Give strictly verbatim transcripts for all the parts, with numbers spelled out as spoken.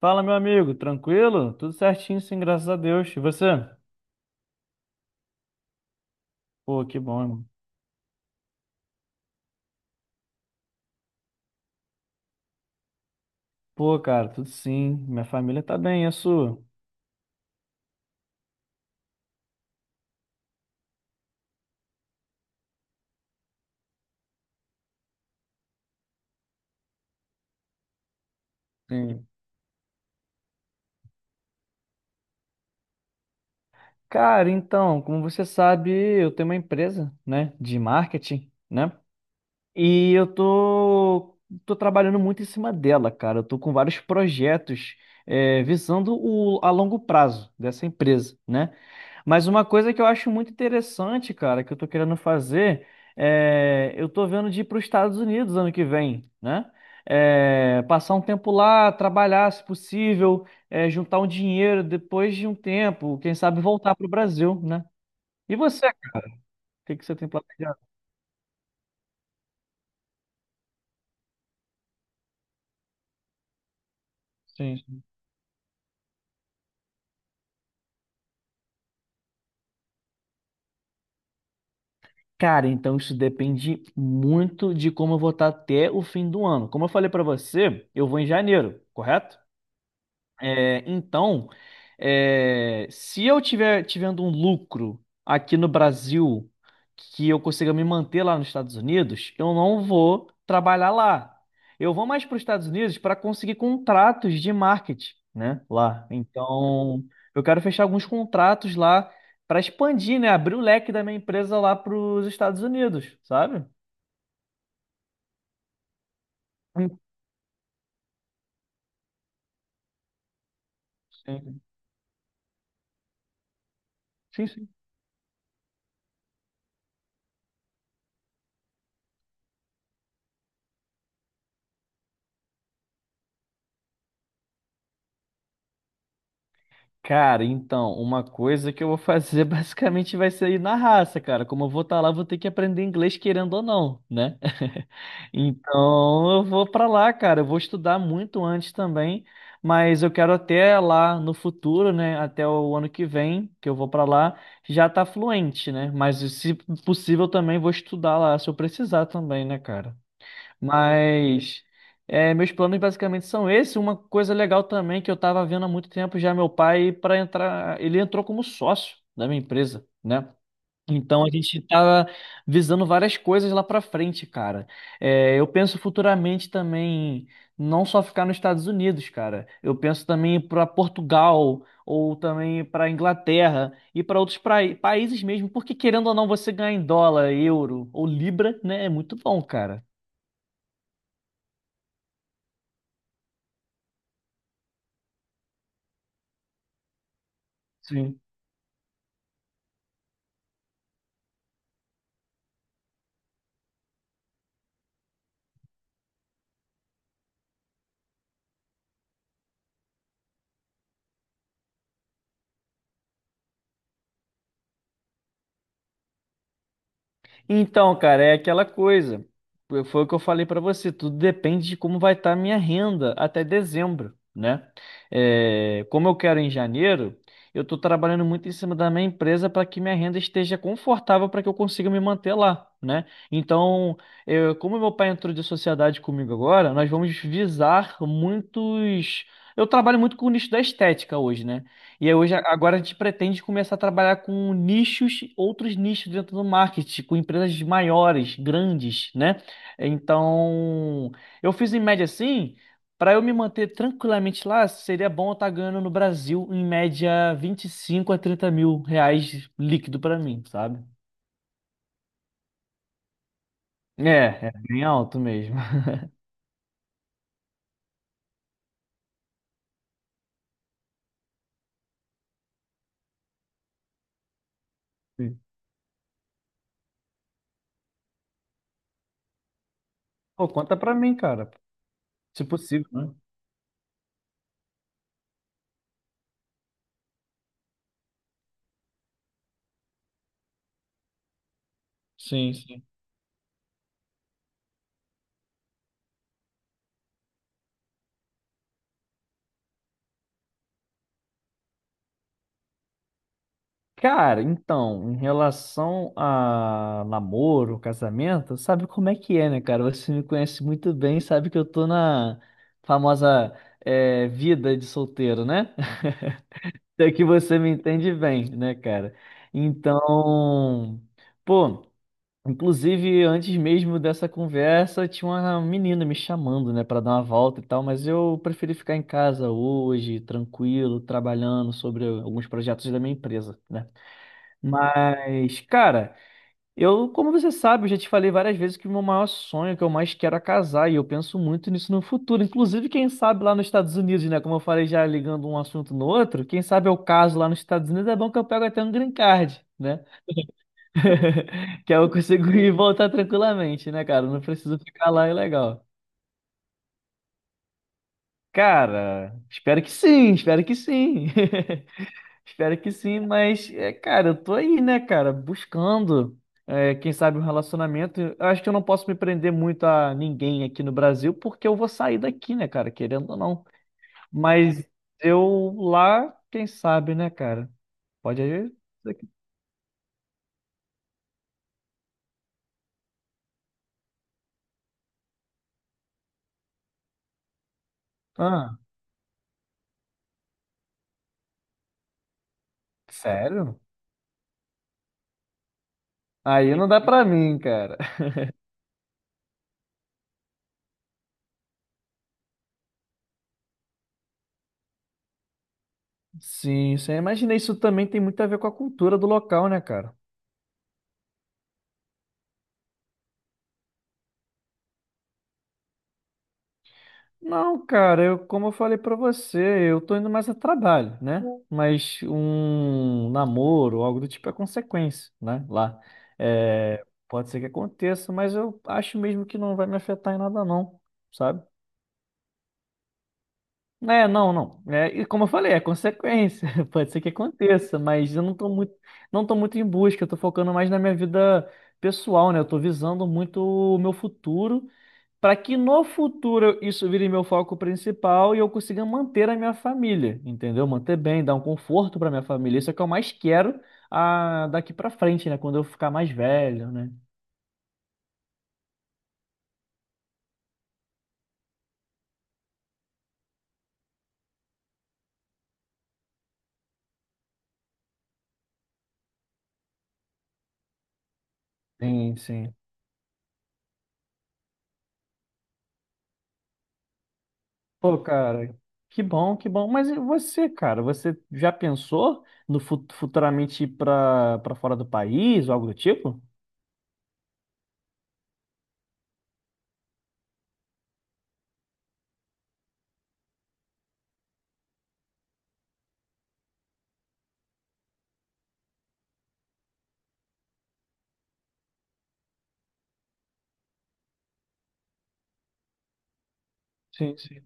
Fala, meu amigo, tranquilo? Tudo certinho, sim, graças a Deus. E você? Pô, que bom, irmão. Pô, cara, tudo sim. Minha família tá bem, e a sua? Sim. Cara, então, como você sabe, eu tenho uma empresa, né, de marketing, né? E eu tô, tô trabalhando muito em cima dela, cara. Eu tô com vários projetos, é, visando o, a longo prazo dessa empresa, né? Mas uma coisa que eu acho muito interessante, cara, que eu tô querendo fazer, é... eu tô vendo de ir para os Estados Unidos ano que vem, né? É, passar um tempo lá, trabalhar, se possível, é, juntar um dinheiro depois de um tempo, quem sabe voltar para o Brasil, né? E você, cara? O que que você tem planejado? Sim. sim. Cara, então isso depende muito de como eu vou estar até o fim do ano. Como eu falei para você, eu vou em janeiro, correto? É, então, é, se eu tiver tivendo um lucro aqui no Brasil que eu consiga me manter lá nos Estados Unidos, eu não vou trabalhar lá. Eu vou mais para os Estados Unidos para conseguir contratos de marketing, né? Lá. Então, eu quero fechar alguns contratos lá para expandir, né? Abrir o leque da minha empresa lá para os Estados Unidos, sabe? Sim, sim. Cara, então, uma coisa que eu vou fazer basicamente vai ser ir na raça, cara. Como eu vou estar lá, eu vou ter que aprender inglês querendo ou não, né? Então, eu vou pra lá, cara. Eu vou estudar muito antes também, mas eu quero até lá no futuro, né? Até o ano que vem, que eu vou pra lá, já tá fluente, né? Mas se possível também vou estudar lá se eu precisar também, né, cara? Mas é, meus planos basicamente são esses. Uma coisa legal também que eu estava vendo há muito tempo já meu pai para entrar, ele entrou como sócio da minha empresa, né? Então a gente estava visando várias coisas lá para frente, cara. É, eu penso futuramente também não só ficar nos Estados Unidos, cara. Eu penso também para Portugal ou também para Inglaterra e para outros prai- países mesmo, porque querendo ou não você ganhar em dólar, euro ou libra, né? É muito bom, cara. Então, cara, é aquela coisa. Foi foi o que eu falei pra você. Tudo depende de como vai estar a minha renda até dezembro, né? É, como eu quero em janeiro, eu estou trabalhando muito em cima da minha empresa para que minha renda esteja confortável para que eu consiga me manter lá, né? Então, eu- como meu pai entrou de sociedade comigo agora, nós vamos visar muitos. Eu trabalho muito com o nicho da estética hoje, né? E aí hoje, agora a gente pretende começar a trabalhar com nichos, outros nichos dentro do marketing, com empresas maiores, grandes, né? Então, eu fiz em média assim, para eu me manter tranquilamente lá, seria bom eu estar ganhando no Brasil em média vinte e cinco a trinta mil reais líquido para mim, sabe? É, é bem alto mesmo. Pô, conta pra mim, cara, se possível, né? Sim, sim. Cara, então, em relação a namoro, casamento, sabe como é que é, né, cara? Você me conhece muito bem, sabe que eu tô na famosa eh, vida de solteiro, né? Até que você me entende bem, né, cara? Então, pô, inclusive antes mesmo dessa conversa, tinha uma menina me chamando, né, pra dar uma volta e tal, mas eu preferi ficar em casa hoje, tranquilo, trabalhando sobre alguns projetos da minha empresa, né? Mas, cara, eu, como você sabe, eu já te falei várias vezes que o meu maior sonho, que eu mais quero é casar, e eu penso muito nisso no futuro. Inclusive, quem sabe lá nos Estados Unidos, né? Como eu falei já ligando um assunto no outro, quem sabe eu caso lá nos Estados Unidos, é bom que eu pego até um green card, né? Que aí eu consigo ir e voltar tranquilamente, né, cara? Eu Não preciso ficar lá, é legal. Cara, espero que sim, espero que sim. Espero que sim, mas, é, cara, eu tô aí, né, cara, buscando, é, quem sabe um relacionamento. Eu acho que eu não posso me prender muito a ninguém aqui no Brasil, porque eu vou sair daqui, né, cara, querendo ou não. Mas eu lá, quem sabe, né, cara? Pode aí. Ah, sério? Aí não dá pra mim, cara. Sim, sim. eu Imaginei isso também tem muito a ver com a cultura do local, né, cara? Não, cara, eu, como eu falei pra você, eu tô indo mais a trabalho, né? Mas um namoro, algo do tipo, é consequência, né? Lá. É, pode ser que aconteça, mas eu acho mesmo que não vai me afetar em nada, não, sabe? É, não, não. É, e como eu falei, é consequência. Pode ser que aconteça, mas eu não tô muito, não tô muito em busca, eu tô focando mais na minha vida pessoal, né? Eu tô visando muito o meu futuro para que no futuro isso vire meu foco principal e eu consiga manter a minha família, entendeu? Manter bem, dar um conforto para minha família. Isso é o que eu mais quero ah, daqui para frente, né? Quando eu ficar mais velho, né? Sim, sim. Pô, cara, que bom, que bom. Mas e você, cara, você já pensou no fu- futuramente ir para para fora do país ou algo do tipo? Sim, sim.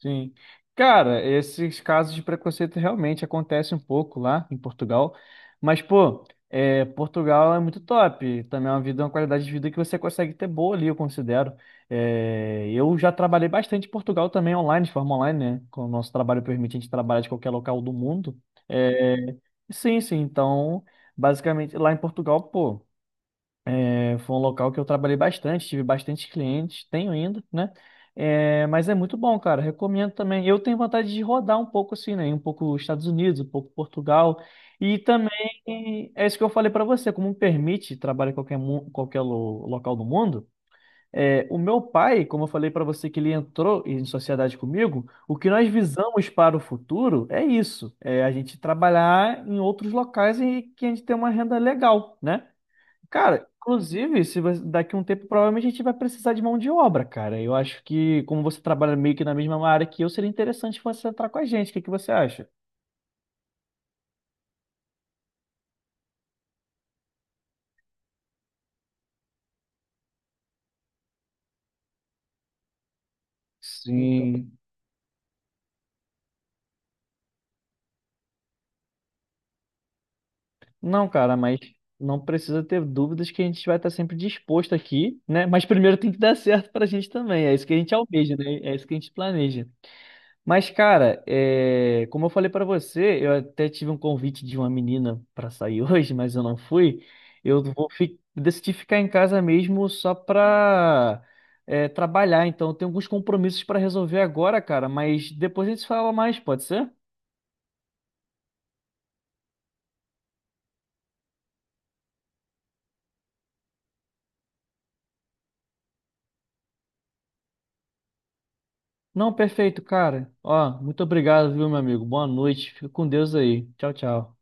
Sim. Cara, esses casos de preconceito realmente acontecem um pouco lá em Portugal. Mas, pô, é, Portugal é muito top. Também é uma vida, uma qualidade de vida que você consegue ter boa ali, eu considero. É, eu já trabalhei bastante em Portugal também online, de forma online, né? Com o nosso trabalho permite a gente trabalhar de qualquer local do mundo. É, sim, sim. Então, basicamente, lá em Portugal, pô. É, foi um local que eu trabalhei bastante, tive bastante clientes, tenho ainda, né? É, mas é muito bom, cara. Recomendo também. Eu tenho vontade de rodar um pouco assim, né? Um pouco os Estados Unidos, um pouco Portugal. E também é isso que eu falei pra você, como permite trabalhar em qualquer, mu- qualquer lo- local do mundo. É, o meu pai, como eu falei pra você que ele entrou em sociedade comigo, o que nós visamos para o futuro é isso, é a gente trabalhar em outros locais e que a gente tem uma renda legal, né? Cara, inclusive, se você- daqui a um tempo provavelmente a gente vai precisar de mão de obra, cara. Eu acho que, como você trabalha meio que na mesma área que eu, seria interessante você entrar com a gente. O que que você acha? Sim. Não, cara, mas não precisa ter dúvidas que a gente vai estar sempre disposto aqui, né? Mas primeiro tem que dar certo pra gente também. É isso que a gente almeja, né? É isso que a gente planeja. Mas, cara, é, como eu falei pra você, eu até tive um convite de uma menina pra sair hoje, mas eu não fui. Eu vou fi... decidi ficar em casa mesmo só pra é, trabalhar. Então, eu tenho alguns compromissos pra resolver agora, cara. Mas depois a gente fala mais, pode ser? Não, perfeito, cara. Ó, muito obrigado, viu, meu amigo? Boa noite. Fica com Deus aí. Tchau, tchau.